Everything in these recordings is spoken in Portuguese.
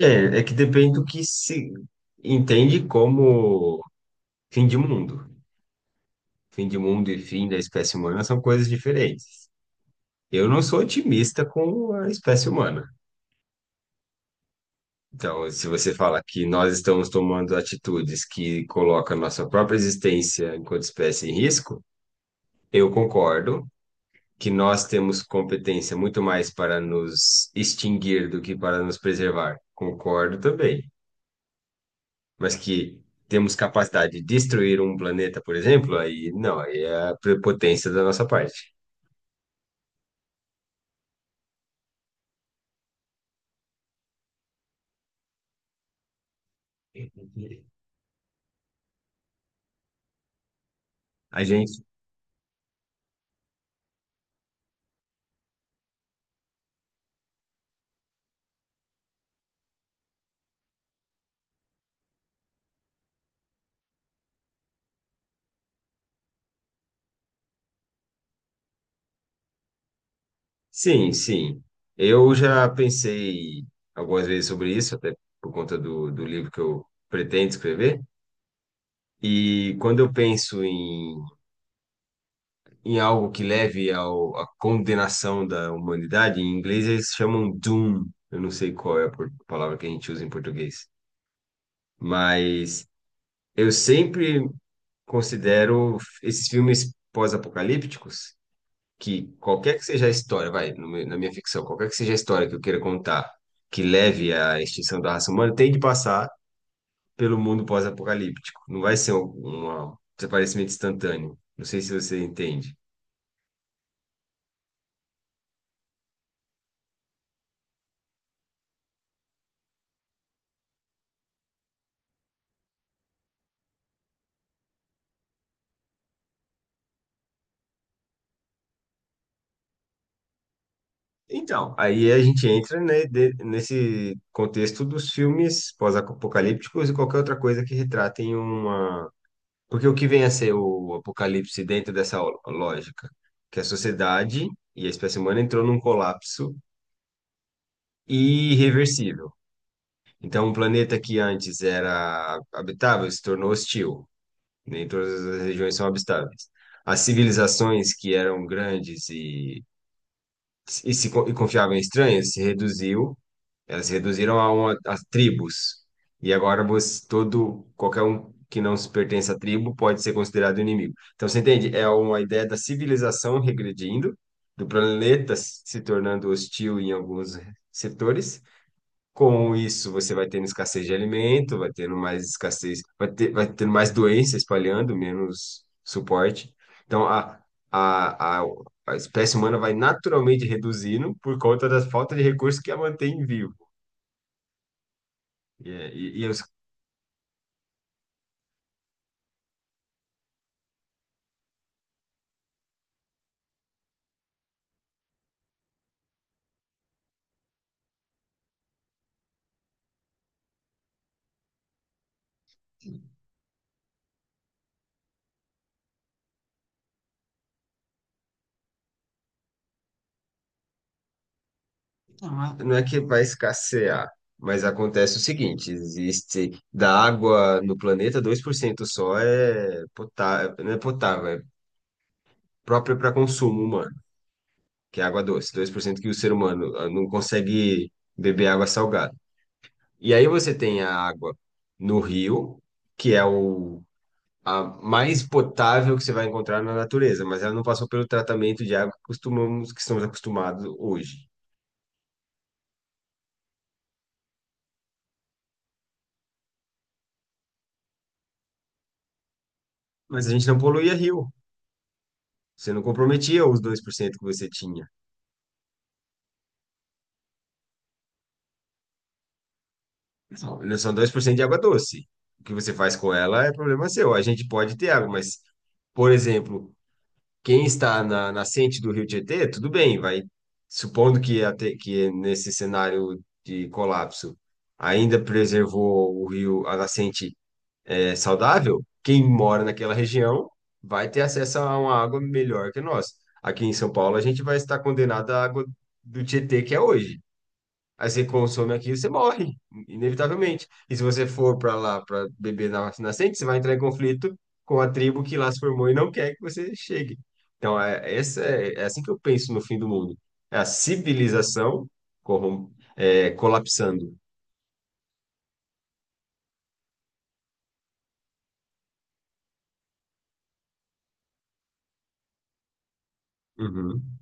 É, é que depende do que se entende como fim de mundo. Fim de mundo e fim da espécie humana são coisas diferentes. Eu não sou otimista com a espécie humana. Então, se você fala que nós estamos tomando atitudes que colocam a nossa própria existência enquanto espécie em risco, eu concordo que nós temos competência muito mais para nos extinguir do que para nos preservar. Concordo também, mas que temos capacidade de destruir um planeta, por exemplo, aí não, aí é a prepotência da nossa parte. A gente, sim, sim. Eu já pensei algumas vezes sobre isso, até por conta do, do livro que eu pretendo escrever. E quando eu penso em, em algo que leve ao, à condenação da humanidade, em inglês eles chamam doom. Eu não sei qual é a palavra que a gente usa em português. Mas eu sempre considero esses filmes pós-apocalípticos, que qualquer que seja a história, vai, no meu- na minha ficção, qualquer que seja a história que eu queira contar que leve à extinção da raça humana, tem de passar pelo mundo pós-apocalíptico. Não vai ser um desaparecimento instantâneo. Não sei se você entende. Então, aí a gente entra, né, nesse contexto dos filmes pós-apocalípticos e qualquer outra coisa que retratem uma. Porque o que vem a ser o apocalipse dentro dessa lógica? Que a sociedade e a espécie humana entrou num colapso irreversível. Então, um planeta que antes era habitável se tornou hostil. Nem todas as regiões são habitáveis. As civilizações que eram grandes e confiavam em estranhas se reduziu. Elas se reduziram a, uma, a tribos. E agora você, todo, qualquer um que não se pertence à tribo pode ser considerado inimigo. Então, você entende? É uma ideia da civilização regredindo, do planeta se tornando hostil em alguns setores. Com isso, você vai tendo escassez de alimento, vai tendo mais escassez, vai ter, vai tendo mais doença espalhando, menos suporte. Então, a, a, a espécie humana vai naturalmente reduzindo por conta da falta de recursos que a mantém viva. E, é- e, e eu, não é é que vai escassear, mas acontece o seguinte: existe da água no planeta, 2% só é potável, não é potável, é própria para consumo humano, que é água doce. Dois por cento, que o ser humano não consegue beber água salgada. E aí você tem a água no rio, que é o, a mais potável que você vai encontrar na natureza, mas ela não passou pelo tratamento de água que costumamos, que estamos acostumados hoje. Mas a gente não poluía rio. Você não comprometia os 2% que você tinha. São 2% de água doce. O que você faz com ela é problema seu. A gente pode ter água, mas, por exemplo, quem está na nascente do Rio Tietê, tudo bem, vai. Supondo que, até, que nesse cenário de colapso ainda preservou o rio, a nascente é, saudável, quem mora naquela região vai ter acesso a uma água melhor que nós. Aqui em São Paulo, a gente vai estar condenado à água do Tietê que é hoje. Aí você consome aquilo, você morre, inevitavelmente. E se você for para lá para beber na Roça Nascente, você vai entrar em conflito com a tribo que lá se formou e não quer que você chegue. Então, é, essa é, é assim que eu penso no fim do mundo. É a civilização corrom é, colapsando. Uhum.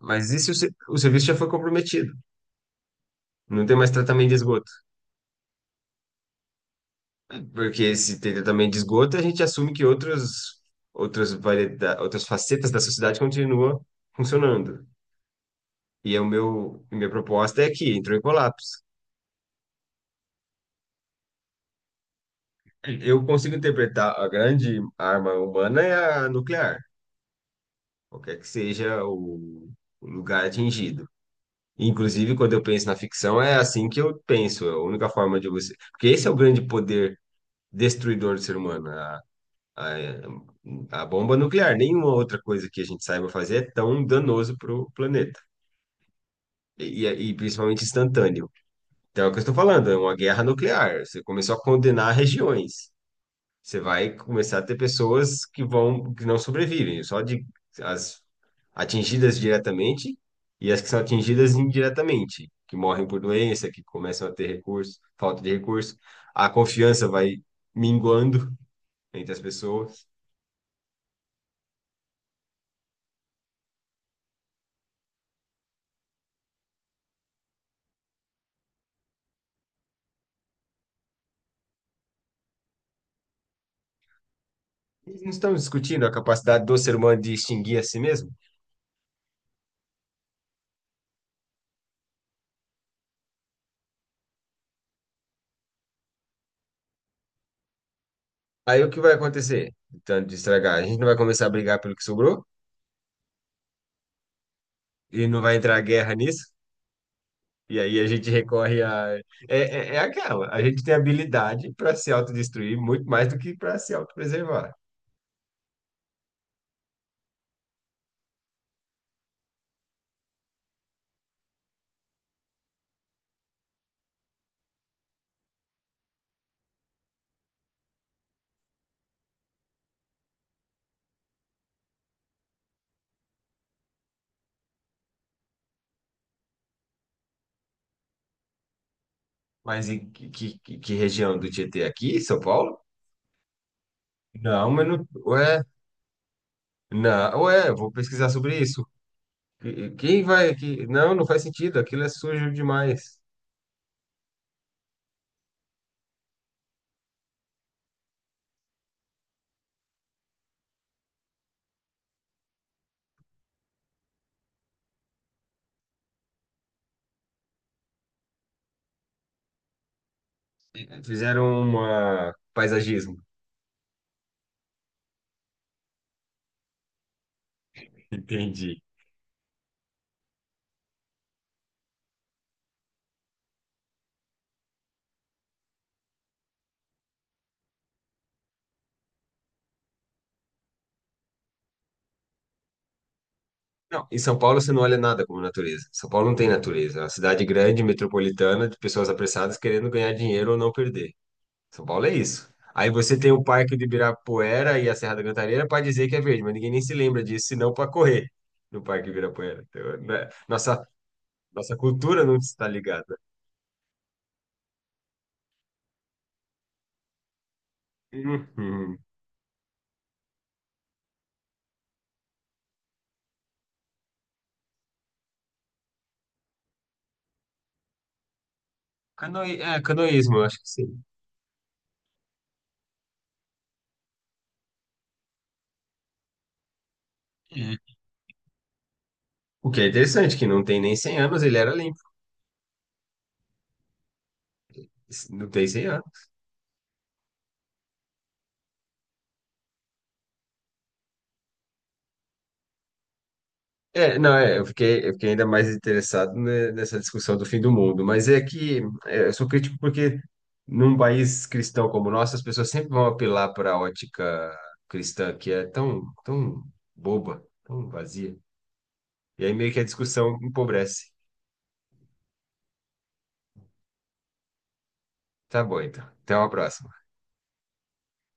Mas e se o, o serviço já foi comprometido? Não tem mais tratamento de esgoto. Porque se tem tratamento de esgoto, a gente assume que outros, outras, variedades, outras facetas da sociedade continuam funcionando. E o meu, minha proposta é que entrou em colapso. Eu consigo interpretar a grande arma humana é a nuclear, qualquer que seja o lugar atingido. Inclusive, quando eu penso na ficção, é assim que eu penso. É a única forma de você. Porque esse é o grande poder destruidor do ser humano, a bomba nuclear. Nenhuma outra coisa que a gente saiba fazer é tão danoso para o planeta, e principalmente instantâneo. Então, é o que eu estou falando, é uma guerra nuclear. Você começou a condenar regiões. Você vai começar a ter pessoas que vão, que não sobrevivem, só de as atingidas diretamente e as que são atingidas indiretamente, que morrem por doença, que começam a ter recurso, falta de recurso. A confiança vai minguando entre as pessoas. E não estamos discutindo a capacidade do ser humano de extinguir a si mesmo. Aí o que vai acontecer? Tanto de estragar, a gente não vai começar a brigar pelo que sobrou e não vai entrar guerra nisso. E aí a gente recorre a. É, é, é aquela, a gente tem habilidade para se autodestruir muito mais do que para se autopreservar. Mas em que região do Tietê aqui, São Paulo? Não, mas não. Ué, não, ué, eu vou pesquisar sobre isso. Quem vai aqui? Não, não faz sentido, aquilo é sujo demais. Fizeram uma paisagismo. Entendi. Não, em São Paulo você não olha nada como natureza. São Paulo não tem natureza. É uma cidade grande, metropolitana, de pessoas apressadas querendo ganhar dinheiro ou não perder. São Paulo é isso. Aí você tem o Parque do Ibirapuera e a Serra da Cantareira para dizer que é verde, mas ninguém nem se lembra disso, senão para correr no Parque do Ibirapuera. Então, né, nossa, nossa cultura não está ligada. Uhum. Canoí, é, canoísmo, eu acho que sim. É. O que é interessante, que não tem nem 100 anos, ele era limpo. Não tem 100 anos. É, não, é, eu fiquei ainda mais interessado nessa discussão do fim do mundo, mas é que é, eu sou crítico porque num país cristão como o nosso, as pessoas sempre vão apelar para a ótica cristã, que é tão, tão boba, tão vazia. E aí meio que a discussão empobrece. Tá bom, então. Até uma próxima.